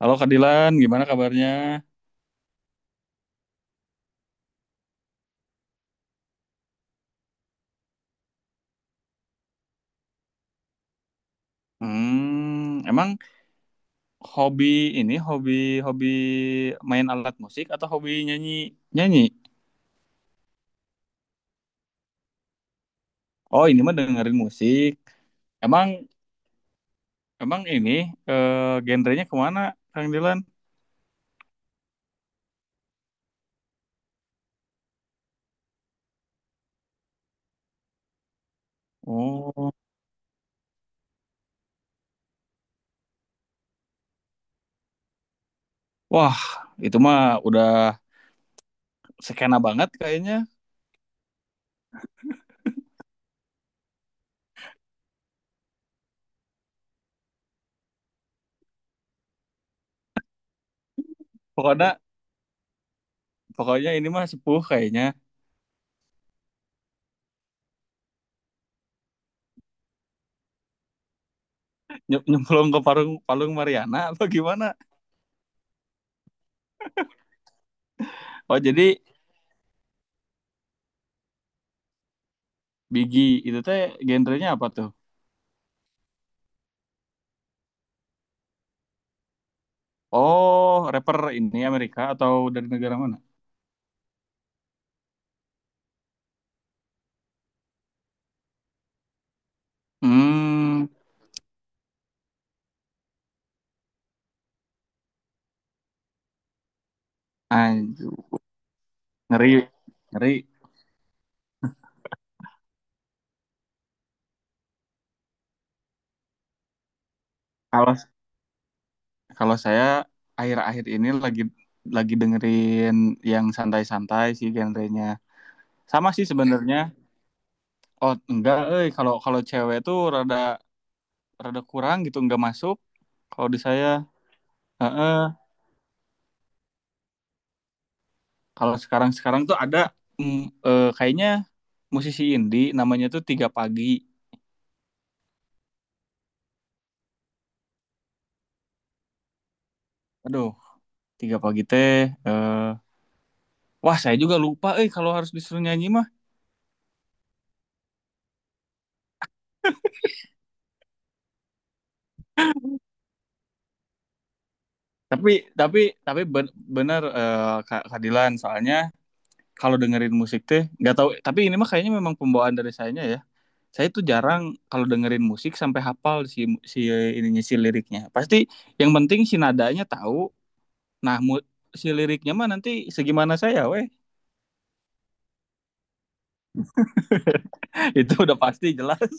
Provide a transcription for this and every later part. Halo Kak Dilan, gimana kabarnya? Emang hobi ini hobi hobi main alat musik atau hobi nyanyi nyanyi? Oh ini mah dengerin musik. Emang emang eh, genrenya kemana, Kang Dilan? Oh, wah itu mah udah skena banget kayaknya. Pokoknya pokoknya ini mah sepuh kayaknya. Nyemplung ke Parung Palung Mariana apa gimana? Oh jadi Bigi itu teh genrenya apa tuh? Oh, rapper ini Amerika atau dari negara mana? Hmm, anjir. Ngeri, ngeri. Kalau kalau saya akhir-akhir ini lagi dengerin yang santai-santai sih genrenya. Sama sih sebenarnya. Oh, enggak, kalau kalau cewek tuh rada rada kurang gitu, enggak masuk. Kalau di saya, heeh. Kalau sekarang-sekarang tuh ada mm, kayaknya musisi indie namanya tuh Tiga Pagi. Aduh, Tiga Pagi teh, eh wah, saya juga lupa kalau harus disuruh nyanyi mah. Tapi tapi tapi bener Kak Kak Dilan, soalnya kalau dengerin musik teh nggak tahu, tapi ini mah kayaknya memang pembawaan dari saya ya. Saya tuh jarang kalau dengerin musik sampai hafal si si ininya, si liriknya. Pasti yang penting si nadanya tahu. Nah, si liriknya mah nanti segimana saya weh. Itu udah pasti jelas.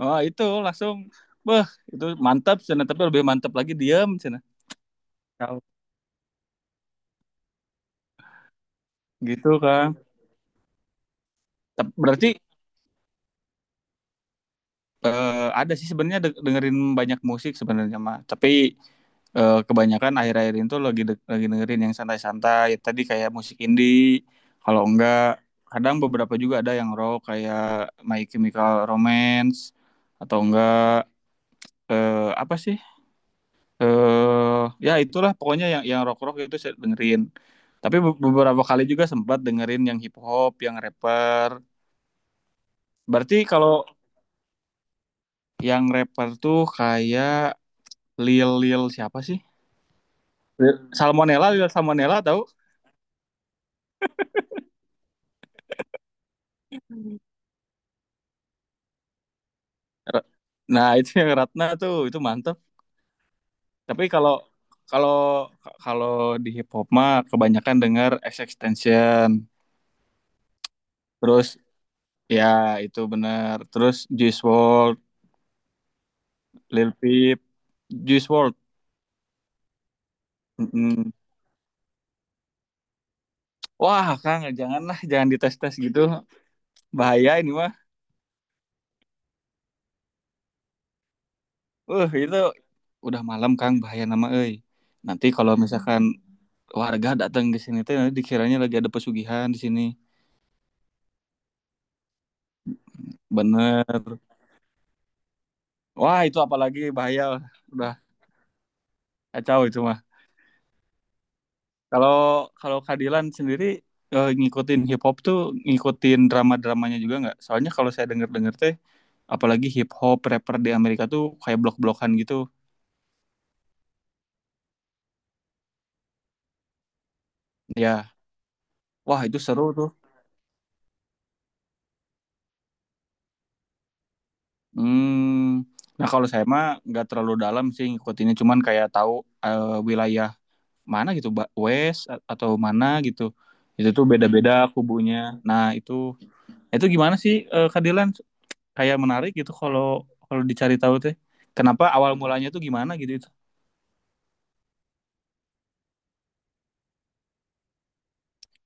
Oh, itu langsung beh, itu mantap, cina. Tapi lebih mantap lagi diam, cina. Tahu. Gitu, kan. Berarti eh, ada sih sebenarnya dengerin banyak musik sebenarnya mah, tapi kebanyakan akhir-akhir itu lagi lagi dengerin yang santai-santai tadi kayak musik indie. Kalau enggak, kadang beberapa juga ada yang rock kayak My Chemical Romance, atau enggak eh, apa sih eh ya itulah pokoknya yang rock rock itu saya dengerin. Tapi beberapa kali juga sempat dengerin yang hip hop, yang rapper. Berarti kalau yang rapper tuh kayak Lil Lil siapa sih? Lil Salmonella, tahu? Ra- Nah, itu yang Ratna tuh, itu mantep. Tapi kalau kalau kalau di hip hop mah kebanyakan denger Extension. Terus ya itu bener. Terus Juice WRLD, Lil Peep, Juice WRLD. Mm-mm. Wah, Kang, janganlah, jangan dites-tes gitu. Bahaya ini mah. Itu udah malam, Kang, bahaya nama euy. Nanti kalau misalkan warga datang ke sini teh, nanti dikiranya lagi ada pesugihan di sini. Bener. Wah, itu apalagi bahaya. Udah kacau itu mah. Kalau kalau Kadilan sendiri ngikutin hip hop tuh, ngikutin drama-dramanya juga nggak? Soalnya kalau saya denger-denger teh, apalagi hip hop rapper di Amerika tuh kayak blok-blokan gitu. Ya, wah itu seru tuh. Hmm. Nah, kalau saya mah nggak terlalu dalam sih ngikutinnya, cuman kayak tahu eh, wilayah mana gitu, West atau mana gitu, itu tuh beda-beda kubunya. Nah itu gimana sih Kak Dilan, kayak menarik gitu kalau kalau dicari tahu teh kenapa awal mulanya tuh gimana gitu itu.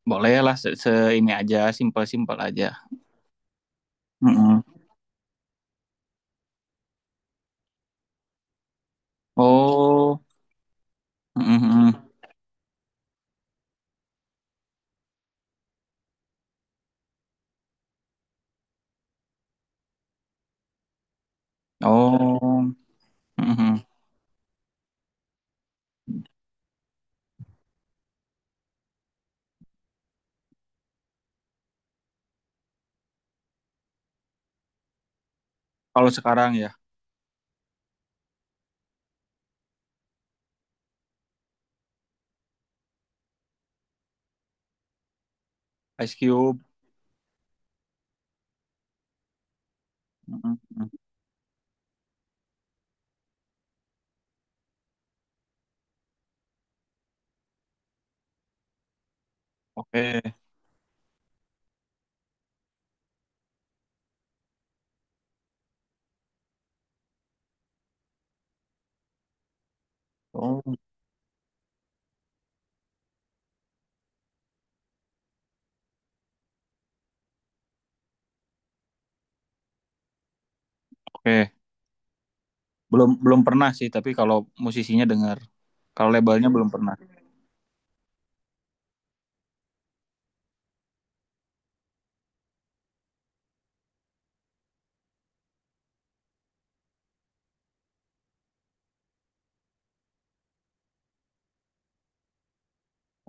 Boleh lah, se, se- ini aja, simpel-simpel aja. Mm-mm. Oh. Mm-mm. Oh. Mm-mm. Kalau sekarang ya. Ice Cube. Mm-mm. Oke. Oh, oke. Belum belum pernah sih, tapi kalau musisinya dengar, kalau labelnya belum pernah.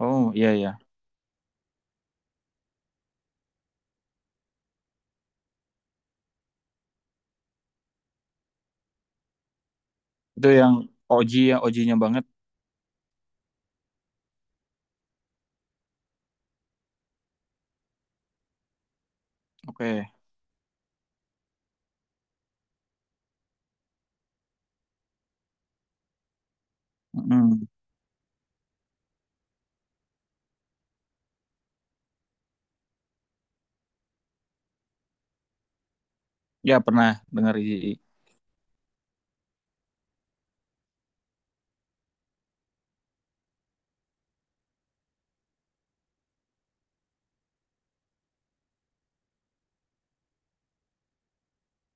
Oh iya, iya. Itu yang OG ya, OG-nya banget. Oke. Mm. Ya pernah dengar IJI.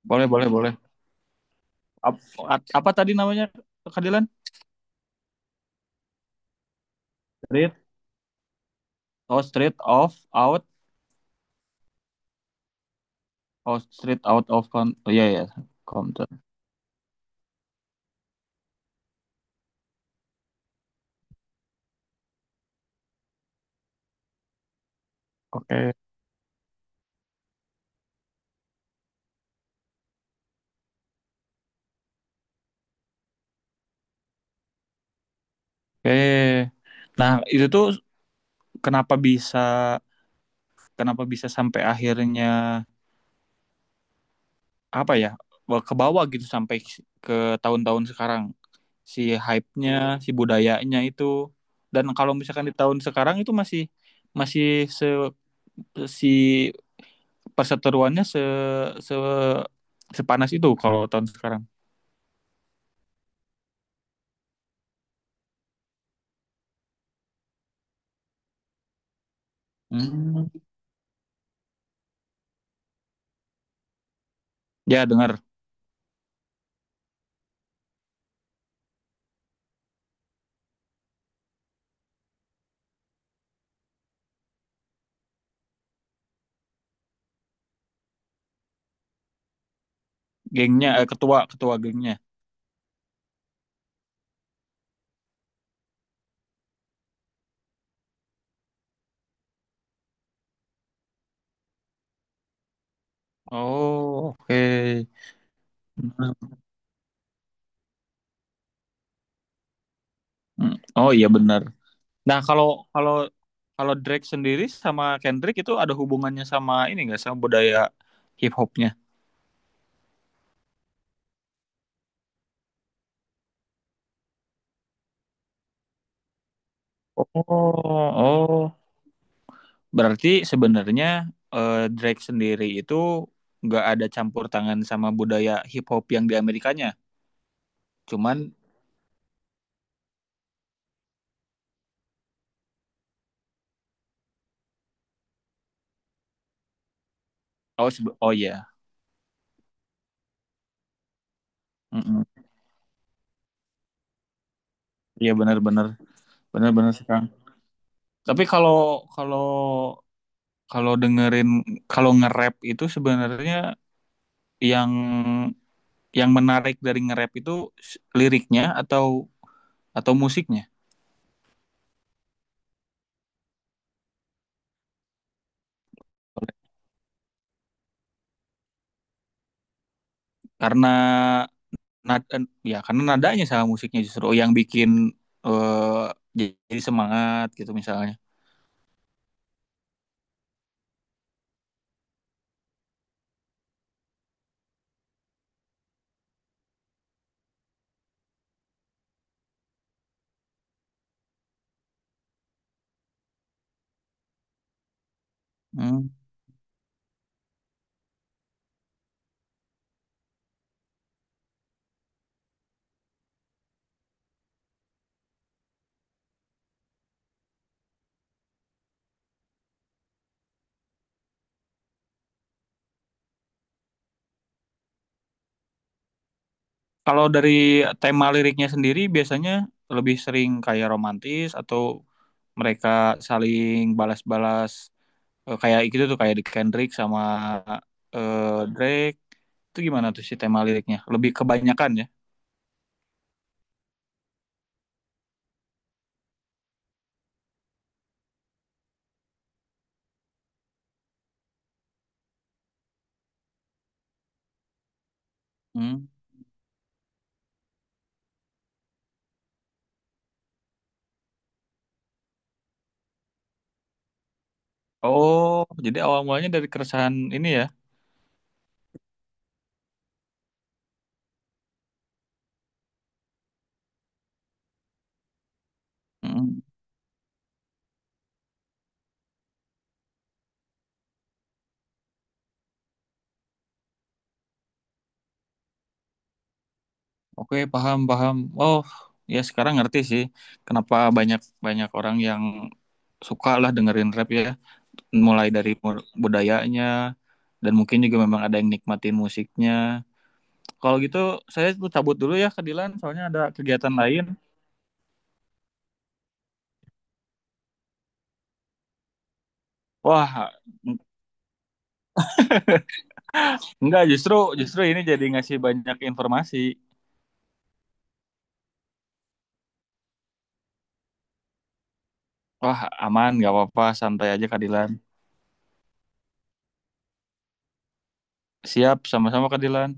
Boleh, boleh, boleh. Apa tadi namanya, keadilan? Street, oh street of out, oh street out of con, oh iya ya, counter. Oke, oke. Nah itu tuh, kenapa bisa, kenapa bisa sampai akhirnya apa ya, ke bawah gitu sampai ke tahun-tahun sekarang. Si hype-nya, si budayanya itu. Dan kalau misalkan di tahun sekarang itu masih masih se si perseteruannya se, se sepanas itu kalau tahun sekarang. Hmm. Ya dengar. Gengnya, ketua ketua gengnya. Oh, oke. Hmm. Oh iya, benar. Nah kalau kalau kalau Drake sendiri sama Kendrick itu ada hubungannya sama ini nggak, sama budaya hip hopnya? Oh, oh. Berarti sebenarnya Drake sendiri itu nggak ada campur tangan sama budaya hip hop yang di Amerikanya. Cuman Oh, oh iya. Mm-mm. Iya, benar-benar sekarang. Tapi kalau kalau kalau dengerin kalau nge-rap itu sebenarnya yang yang menarik dari nge-rap itu liriknya atau musiknya. Karena nada karena nadanya sama musiknya justru, oh, yang bikin eh, jadi semangat gitu misalnya. Hmm. Kalau dari tema liriknya sendiri biasanya lebih sering kayak romantis, atau mereka saling balas-balas kayak gitu tuh kayak di Kendrick sama eh, Drake itu gimana tuh si tema liriknya lebih kebanyakan ya. Hmm. Oh jadi awal mulanya dari keresahan ini ya. Hmm. Oke, paham paham. Oh ya, sekarang ngerti sih, kenapa banyak banyak orang yang suka lah dengerin rap ya, mulai dari budayanya, dan mungkin juga memang ada yang nikmatin musiknya. Kalau gitu saya tuh cabut dulu ya ke Dilan, soalnya ada kegiatan lain. Wah, enggak, justru justru ini jadi ngasih banyak informasi. Wah, aman, nggak apa-apa, santai aja Kadilan. Siap, sama-sama Kadilan.